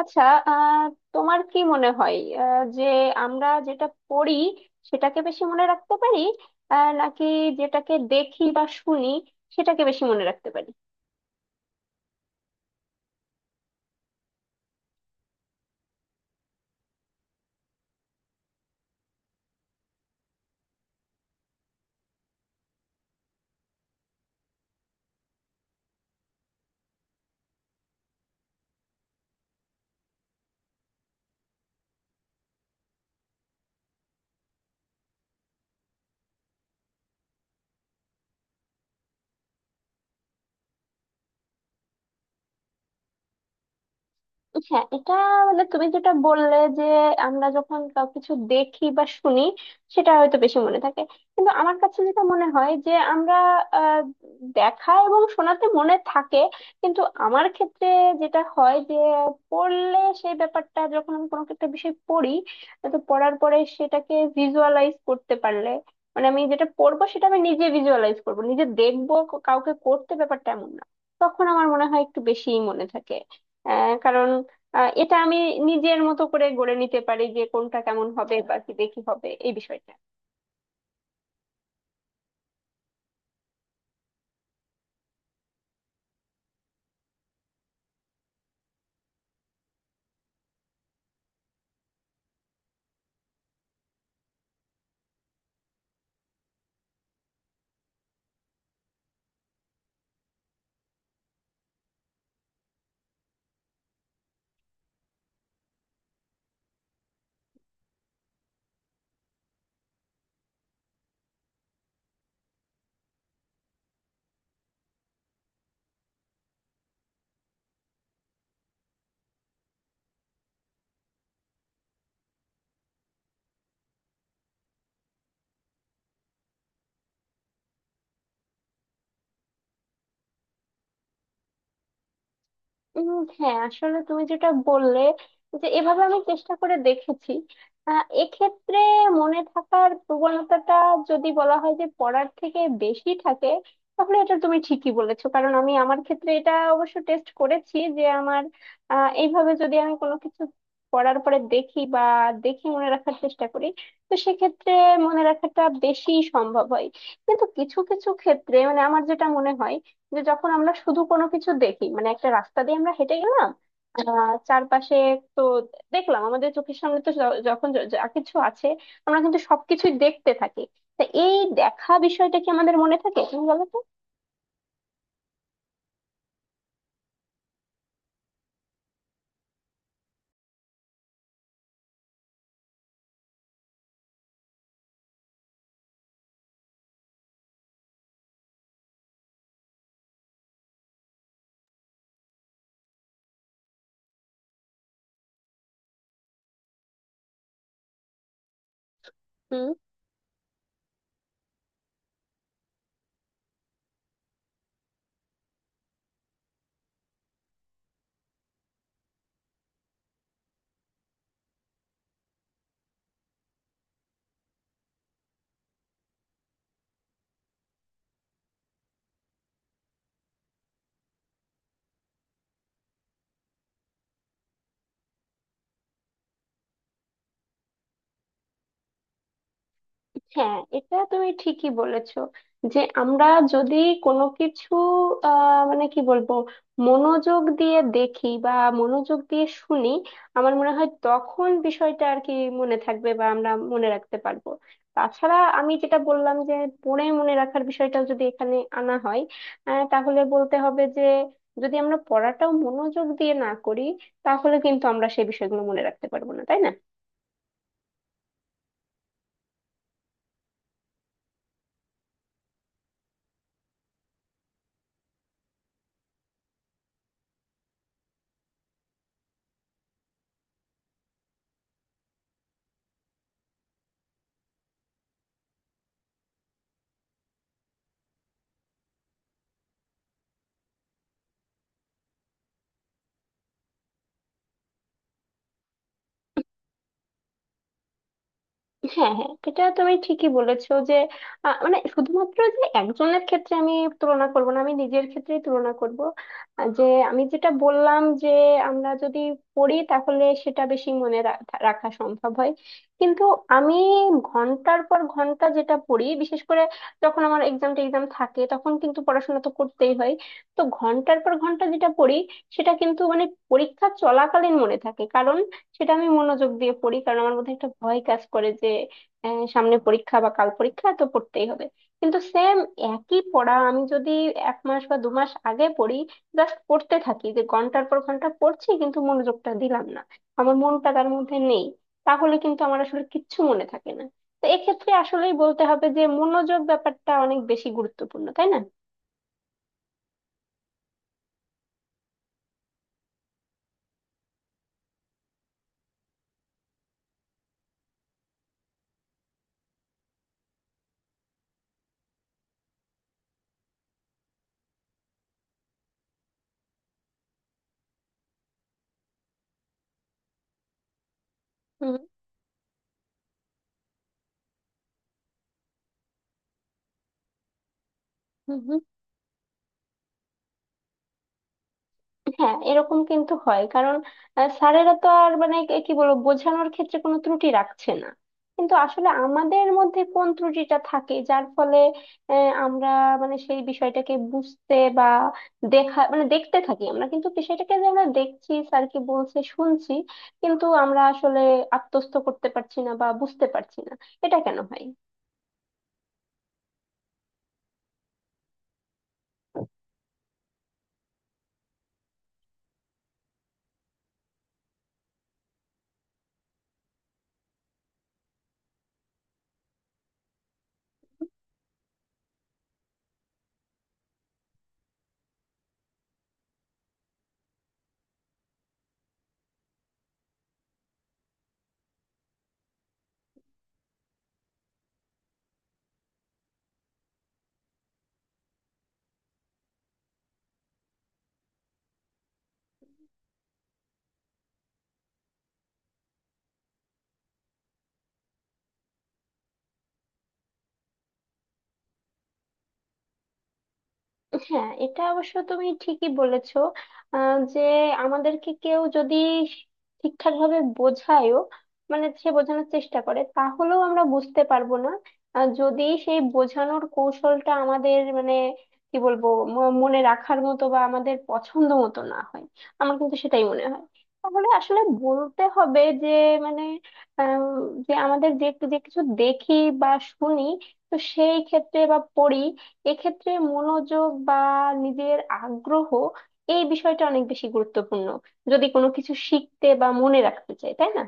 আচ্ছা। আহ তোমার কি মনে হয় যে আমরা যেটা পড়ি সেটাকে বেশি মনে রাখতে পারি, নাকি যেটাকে দেখি বা শুনি সেটাকে বেশি মনে রাখতে পারি? হ্যাঁ, এটা মানে তুমি যেটা বললে যে আমরা যখন কিছু দেখি বা শুনি সেটা হয়তো বেশি মনে থাকে, কিন্তু আমার কাছে যেটা মনে হয় যে আমরা আহ, দেখা এবং শোনাতে মনে থাকে, কিন্তু আমার ক্ষেত্রে যেটা হয় যে পড়লে সেই ব্যাপারটা, যখন আমি কোনো একটা বিষয় পড়ি তো পড়ার পরে সেটাকে ভিজুয়ালাইজ করতে পারলে, মানে আমি যেটা পড়বো সেটা আমি নিজে ভিজুয়ালাইজ করবো, নিজে দেখবো, কাউকে করতে ব্যাপারটা এমন না, তখন আমার মনে হয় একটু বেশিই মনে থাকে। কারণ এটা আমি নিজের মতো করে গড়ে নিতে পারি যে কোনটা কেমন হবে বা কি দেখি হবে এই বিষয়টা। উম, হ্যাঁ, আসলে তুমি যেটা বললে যে এভাবে আমি চেষ্টা করে দেখেছি। এক্ষেত্রে মনে থাকার প্রবণতাটা যদি বলা হয় যে পড়ার থেকে বেশি থাকে, তাহলে এটা তুমি ঠিকই বলেছো, কারণ আমি আমার ক্ষেত্রে এটা অবশ্য টেস্ট করেছি যে আমার এইভাবে যদি আমি কোনো কিছু পড়ার পরে দেখি বা দেখে মনে রাখার চেষ্টা করি, তো সেক্ষেত্রে মনে রাখাটা বেশি সম্ভব হয়। কিন্তু কিছু কিছু ক্ষেত্রে, মানে আমার যেটা মনে হয়, যে যখন আমরা শুধু কোনো কিছু দেখি, মানে একটা রাস্তা দিয়ে আমরা হেঁটে গেলাম চারপাশে, তো দেখলাম আমাদের চোখের সামনে তো যখন যা কিছু আছে আমরা কিন্তু সবকিছুই দেখতে থাকি। তা এই দেখা বিষয়টা কি আমাদের মনে থাকে, তুমি বলো তো? হুম। হ্যাঁ, এটা তুমি ঠিকই বলেছো যে আমরা যদি কোনো কিছু মানে কি বলবো, মনোযোগ দিয়ে দেখি বা মনোযোগ দিয়ে শুনি, আমার মনে হয় তখন বিষয়টা আর কি, মনে থাকবে বা আমরা মনে রাখতে পারবো। তাছাড়া আমি যেটা বললাম যে পড়ে মনে রাখার বিষয়টাও যদি এখানে আনা হয়, তাহলে বলতে হবে যে যদি আমরা পড়াটাও মনোযোগ দিয়ে না করি, তাহলে কিন্তু আমরা সেই বিষয়গুলো মনে রাখতে পারবো না, তাই না? হ্যাঁ হ্যাঁ, এটা তুমি ঠিকই বলেছো যে মানে শুধুমাত্র যে একজনের ক্ষেত্রে আমি তুলনা করব না, আমি নিজের ক্ষেত্রেই তুলনা করব। যে আমি যেটা বললাম যে আমরা যদি পড়ি তাহলে সেটা বেশি মনে রাখা রাখা সম্ভব হয়। কিন্তু আমি ঘন্টার পর ঘন্টা যেটা পড়ি, বিশেষ করে যখন আমার এক্সাম টেক্সাম থাকে তখন কিন্তু পড়াশোনা তো করতেই হয়, তো ঘন্টার পর ঘন্টা যেটা পড়ি সেটা কিন্তু মানে পরীক্ষা চলাকালীন মনে থাকে, কারণ সেটা আমি মনোযোগ দিয়ে পড়ি, কারণ আমার মধ্যে একটা ভয় কাজ করে যে সামনে পরীক্ষা বা কাল পরীক্ষা তো পড়তেই হবে। কিন্তু একই পড়া আমি যদি এক মাস বা দু মাস আগে পড়ি, জাস্ট পড়তে থাকি যে ঘন্টার পর ঘন্টা পড়ছি কিন্তু মনোযোগটা দিলাম না, আমার মনটা তার মধ্যে নেই, তাহলে কিন্তু আমার আসলে কিচ্ছু মনে থাকে না। তো এক্ষেত্রে আসলেই বলতে হবে যে মনোযোগ ব্যাপারটা অনেক বেশি গুরুত্বপূর্ণ, তাই না? হুম হুম হুম। হ্যাঁ, এরকম কিন্তু হয়, কারণ স্যারেরা তো আর মানে কি বলবো, বোঝানোর ক্ষেত্রে কোনো ত্রুটি রাখছে না, কিন্তু আসলে আমাদের মধ্যে কোন ত্রুটিটা থাকে যার ফলে আমরা মানে সেই বিষয়টাকে বুঝতে বা দেখা মানে দেখতে থাকি আমরা কিন্তু বিষয়টাকে, যে আমরা দেখছি স্যার কি বলছে শুনছি, কিন্তু আমরা আসলে আত্মস্থ করতে পারছি না বা বুঝতে পারছি না। এটা কেন হয়? হ্যাঁ, এটা অবশ্য তুমি ঠিকই বলেছো। যে আমাদেরকে কেউ যদি ঠিকঠাক ভাবে বোঝায়ও, মানে সে বোঝানোর চেষ্টা করে, তাহলেও আমরা বুঝতে পারবো না আর যদি সেই বোঝানোর কৌশলটা আমাদের মানে কি বলবো, মনে রাখার মতো বা আমাদের পছন্দ মতো না হয়, আমার কিন্তু সেটাই মনে হয়। তাহলে আসলে বলতে হবে যে মানে আহ, যে আমাদের যে যে কিছু দেখি বা শুনি তো সেই ক্ষেত্রে বা পড়ি, এক্ষেত্রে মনোযোগ বা নিজের আগ্রহ এই বিষয়টা অনেক বেশি গুরুত্বপূর্ণ যদি কোনো কিছু শিখতে বা মনে রাখতে চাই, তাই না?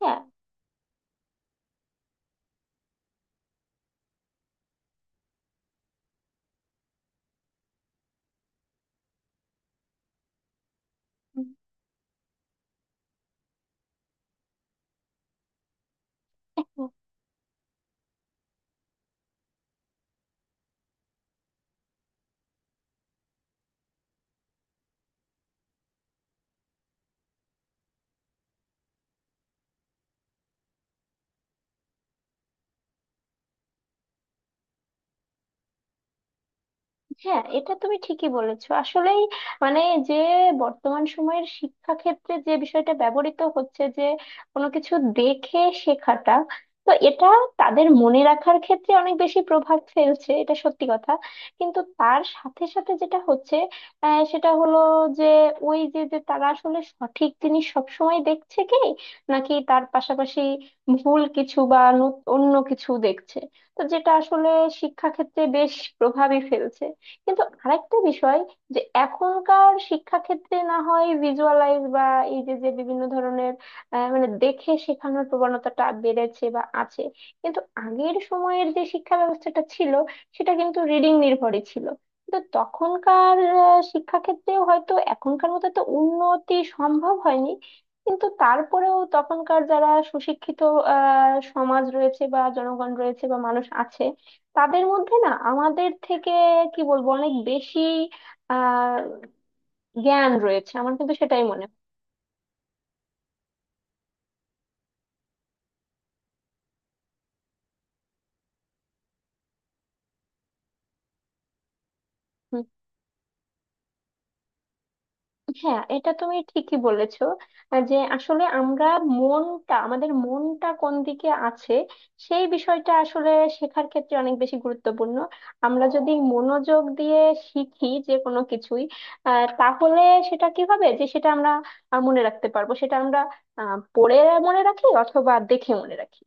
হ্যাঁ হ্যাঁ, এটা তুমি ঠিকই বলেছো আসলেই। মানে যে বর্তমান সময়ের শিক্ষা ক্ষেত্রে যে বিষয়টা ব্যবহৃত হচ্ছে যে কোনো কিছু দেখে শেখাটা, তো এটা তাদের মনে রাখার ক্ষেত্রে অনেক বেশি প্রভাব ফেলছে, এটা সত্যি কথা। কিন্তু তার সাথে সাথে যেটা হচ্ছে সেটা হলো যে ওই যে যে তারা আসলে সঠিক জিনিস সবসময় দেখছে কি নাকি তার পাশাপাশি ভুল কিছু বা অন্য কিছু দেখছে, তো যেটা আসলে শিক্ষা ক্ষেত্রে বেশ প্রভাবই ফেলছে। কিন্তু আরেকটা বিষয়, যে এখনকার শিক্ষাক্ষেত্রে না হয় ভিজুয়ালাইজ বা এই যে যে বিভিন্ন ধরনের মানে দেখে শেখানোর প্রবণতাটা বেড়েছে বা আছে, কিন্তু আগের সময়ের যে শিক্ষা ব্যবস্থাটা ছিল সেটা কিন্তু রিডিং নির্ভরই ছিল। কিন্তু তখনকার শিক্ষাক্ষেত্রেও হয়তো এখনকার মতো তো উন্নতি সম্ভব হয়নি, কিন্তু তারপরেও তখনকার যারা সুশিক্ষিত সমাজ রয়েছে বা জনগণ রয়েছে বা মানুষ আছে, তাদের মধ্যে না আমাদের থেকে কি বলবো অনেক বেশি আহ জ্ঞান রয়েছে, আমার কিন্তু সেটাই মনে হয়। হুম, হ্যাঁ এটা তুমি ঠিকই বলেছো। যে আসলে আমরা আমাদের মনটা কোন দিকে আছে সেই বিষয়টা আসলে শেখার ক্ষেত্রে অনেক বেশি গুরুত্বপূর্ণ। আমরা যদি মনোযোগ দিয়ে শিখি যে কোনো কিছুই, তাহলে সেটা কি হবে যে সেটা আমরা মনে রাখতে পারবো, সেটা আমরা পড়ে মনে রাখি অথবা দেখে মনে রাখি।